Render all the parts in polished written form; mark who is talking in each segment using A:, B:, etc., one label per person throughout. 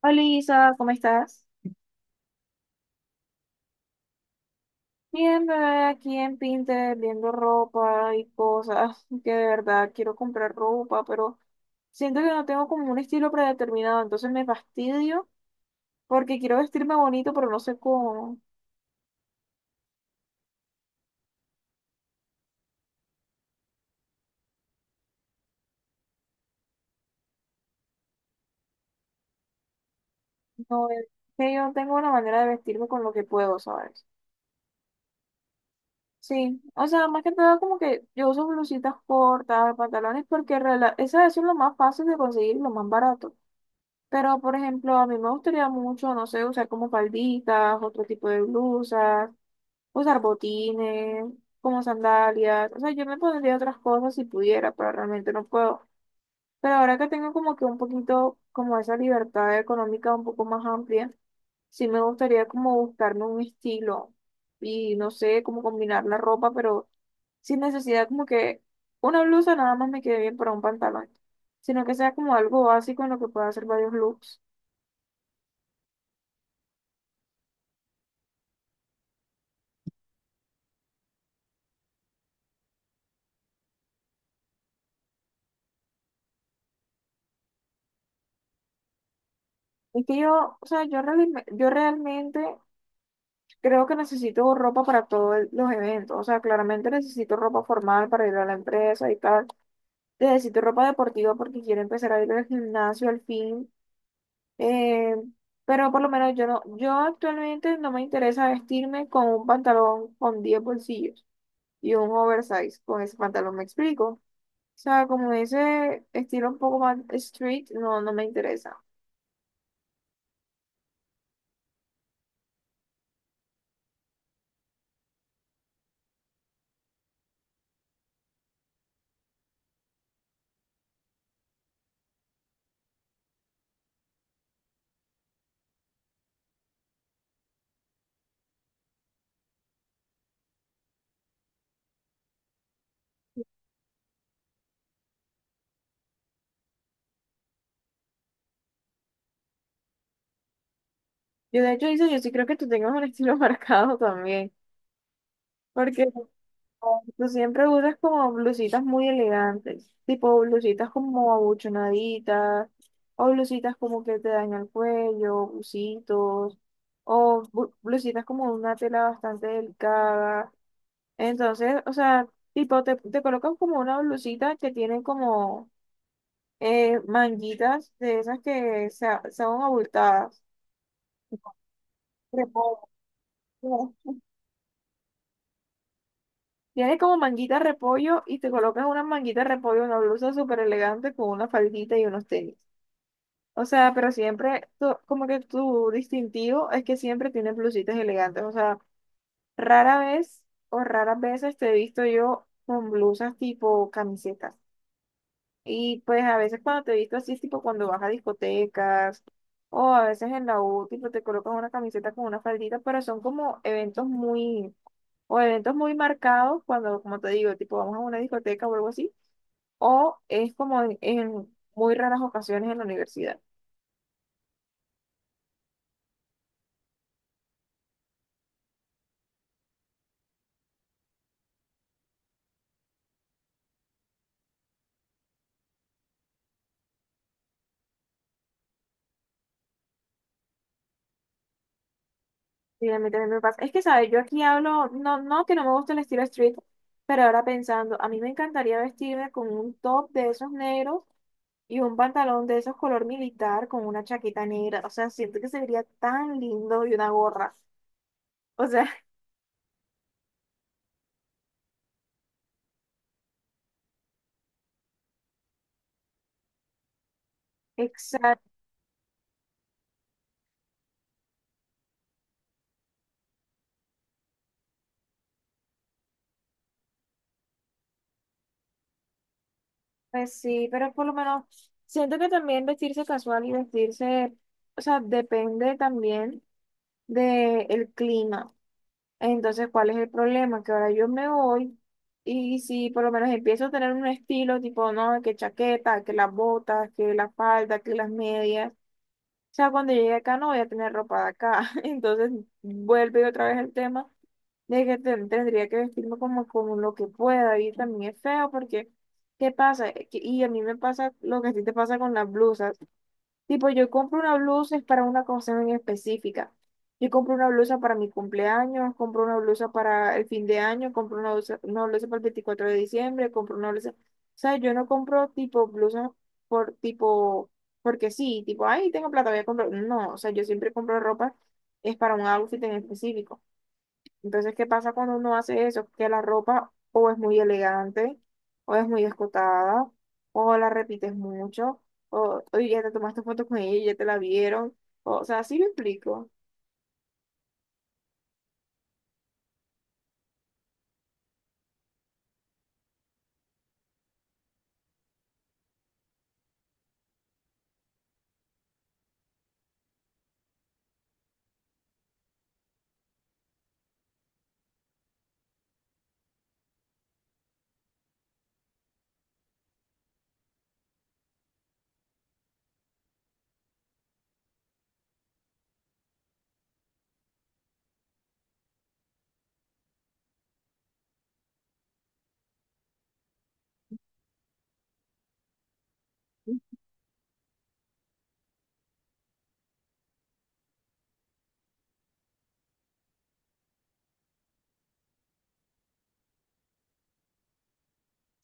A: Hola Isa, ¿cómo estás? Bien, bebé, aquí en Pinterest viendo ropa y cosas, que de verdad quiero comprar ropa, pero siento que no tengo como un estilo predeterminado, entonces me fastidio porque quiero vestirme bonito, pero no sé cómo. No, es que yo tengo una manera de vestirme con lo que puedo, ¿sabes? Sí, o sea, más que nada como que yo uso blusitas cortas, pantalones, porque eso es lo más fácil de conseguir, lo más barato. Pero, por ejemplo, a mí me gustaría mucho, no sé, usar como falditas, otro tipo de blusas, usar botines, como sandalias. O sea, yo me pondría otras cosas si pudiera, pero realmente no puedo. Pero ahora que tengo como que un poquito, como esa libertad económica un poco más amplia, sí me gustaría como buscarme un estilo y no sé, cómo combinar la ropa, pero sin necesidad como que una blusa nada más me quede bien para un pantalón, sino que sea como algo básico en lo que pueda hacer varios looks. Es que yo, o sea, yo realmente creo que necesito ropa para los eventos. O sea, claramente necesito ropa formal para ir a la empresa y tal. Necesito ropa deportiva porque quiero empezar a ir al gimnasio al fin. Eh, pero por lo menos yo actualmente no me interesa vestirme con un pantalón con 10 bolsillos y un oversize. Con ese pantalón me explico. O sea, como ese estilo un poco más street, no, no me interesa. Yo de hecho, dice, yo sí creo que tú tengas un estilo marcado también. Porque oh, tú siempre usas como blusitas muy elegantes, tipo blusitas como abuchonaditas, o blusitas como que te dañan el cuello, busitos, o blusitas como de una tela bastante delicada. Entonces, o sea, tipo te colocan como una blusita que tiene como manguitas de esas que son abultadas. Reposo. Tiene como manguita de repollo y te colocas una manguita de repollo, una blusa súper elegante con una faldita y unos tenis. O sea, pero siempre, como que tu distintivo es que siempre tienes blusitas elegantes. O sea, rara vez o raras veces te he visto yo con blusas tipo camisetas. Y pues a veces cuando te he visto así es tipo cuando vas a discotecas o a veces en la U, tipo te colocas una camiseta con una faldita, pero son como eventos muy marcados, cuando, como te digo, tipo vamos a una discoteca o algo así, o es como en muy raras ocasiones en la universidad. Sí, a mí también me pasa. Es que, ¿sabes? Yo aquí hablo, no que no me gusta el estilo street, pero ahora pensando, a mí me encantaría vestirme con un top de esos negros y un pantalón de esos color militar con una chaqueta negra. O sea, siento que se vería tan lindo y una gorra. O sea, exacto. Pues sí, pero por lo menos siento que también vestirse casual y vestirse, o sea, depende también del clima. Entonces, ¿cuál es el problema? Que ahora yo me voy y si por lo menos empiezo a tener un estilo tipo, no, que chaqueta, que las botas, que la falda, que las medias. O sea, cuando llegue acá no voy a tener ropa de acá. Entonces, vuelve otra vez el tema de que tendría que vestirme como, como lo que pueda y también es feo porque, ¿qué pasa? Y a mí me pasa lo que a ti te pasa con las blusas. Tipo, yo compro una blusa es para una cosa en específica. Yo compro una blusa para mi cumpleaños, compro una blusa para el fin de año, compro una blusa para el 24 de diciembre, compro una blusa. O sea, yo no compro tipo blusas por tipo, porque sí, tipo, ay, tengo plata, voy a comprar. No, o sea, yo siempre compro ropa, es para un outfit en específico. Entonces, ¿qué pasa cuando uno hace eso? Que la ropa o es muy elegante, o es muy escotada, o la repites mucho, o ya te tomaste fotos con ella y ya te la vieron. O sea, sí me explico.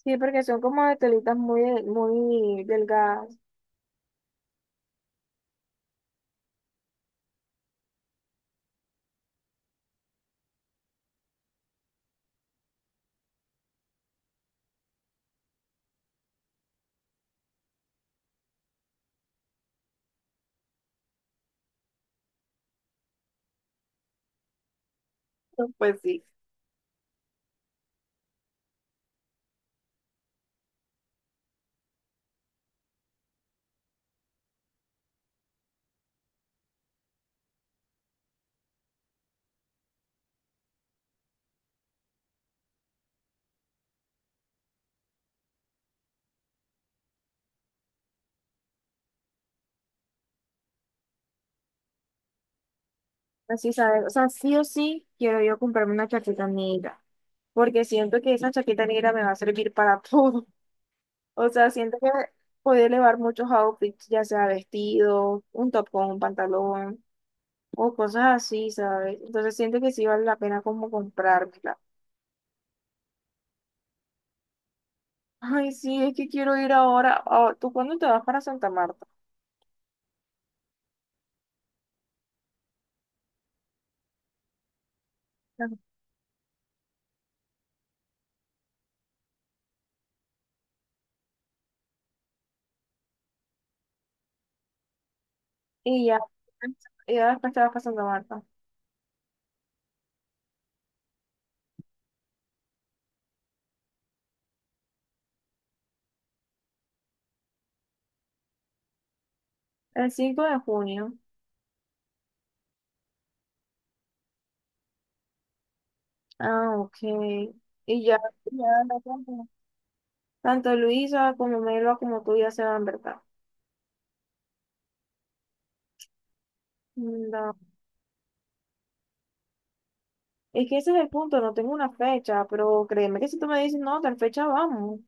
A: Sí, porque son como de telitas muy, muy delgadas. Pues sí. Así sabes. O sea, sí o sí quiero yo comprarme una chaqueta negra. Porque siento que esa chaqueta negra me va a servir para todo. O sea, siento que puedo elevar muchos outfits, ya sea vestido, un top con un pantalón. O cosas así, ¿sabes? Entonces siento que sí vale la pena como comprármela. Ay, sí, es que quiero ir ahora. Ah, ¿tú cuándo te vas para Santa Marta? Ajá. Y ya, y ya después te vas para Santa Marta. El 5 de junio. Ah, ok. Y ya, ya no tanto Luisa como Melba como tú ya se van, ¿verdad? Mm, no. Es que ese es el punto, no tengo una fecha, pero créeme que si tú me dices, no, tal fecha vamos.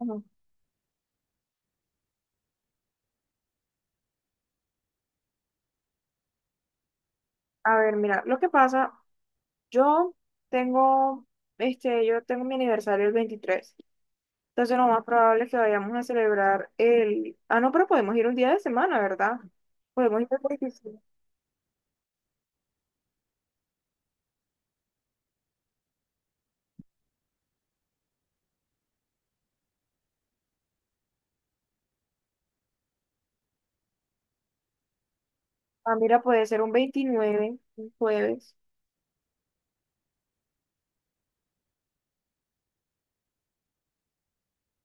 A: Ajá. A ver, mira, lo que pasa. Yo tengo, este, yo tengo mi aniversario el 23. Entonces lo más probable es que vayamos a celebrar el... Ah, no, pero podemos ir un día de semana, ¿verdad? Podemos ir el 25. Ah, mira, puede ser un 29, un jueves.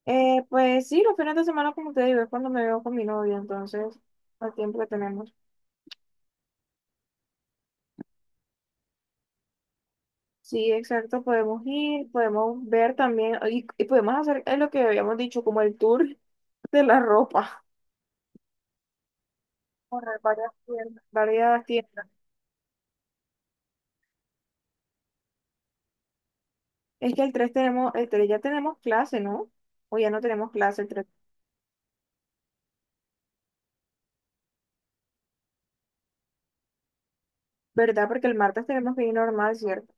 A: Pues sí, los fines de semana, como te digo, es cuando me veo con mi novia, entonces, al tiempo que tenemos. Sí, exacto, podemos ir, podemos ver también, y podemos hacer lo que habíamos dicho, como el tour de la ropa. Correr varias tiendas, varias tiendas. Es que el 3 tenemos, el 3 ya tenemos clase, ¿no? O ya no tenemos clase el tres. ¿Verdad? Porque el martes tenemos que ir normal, ¿cierto?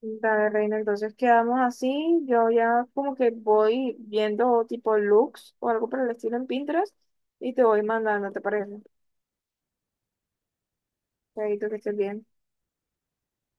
A: Dale, Reina, entonces quedamos así. Yo ya como que voy viendo tipo looks o algo por el estilo en Pinterest y te voy mandando, ¿te parece? Chaito, que estés bien.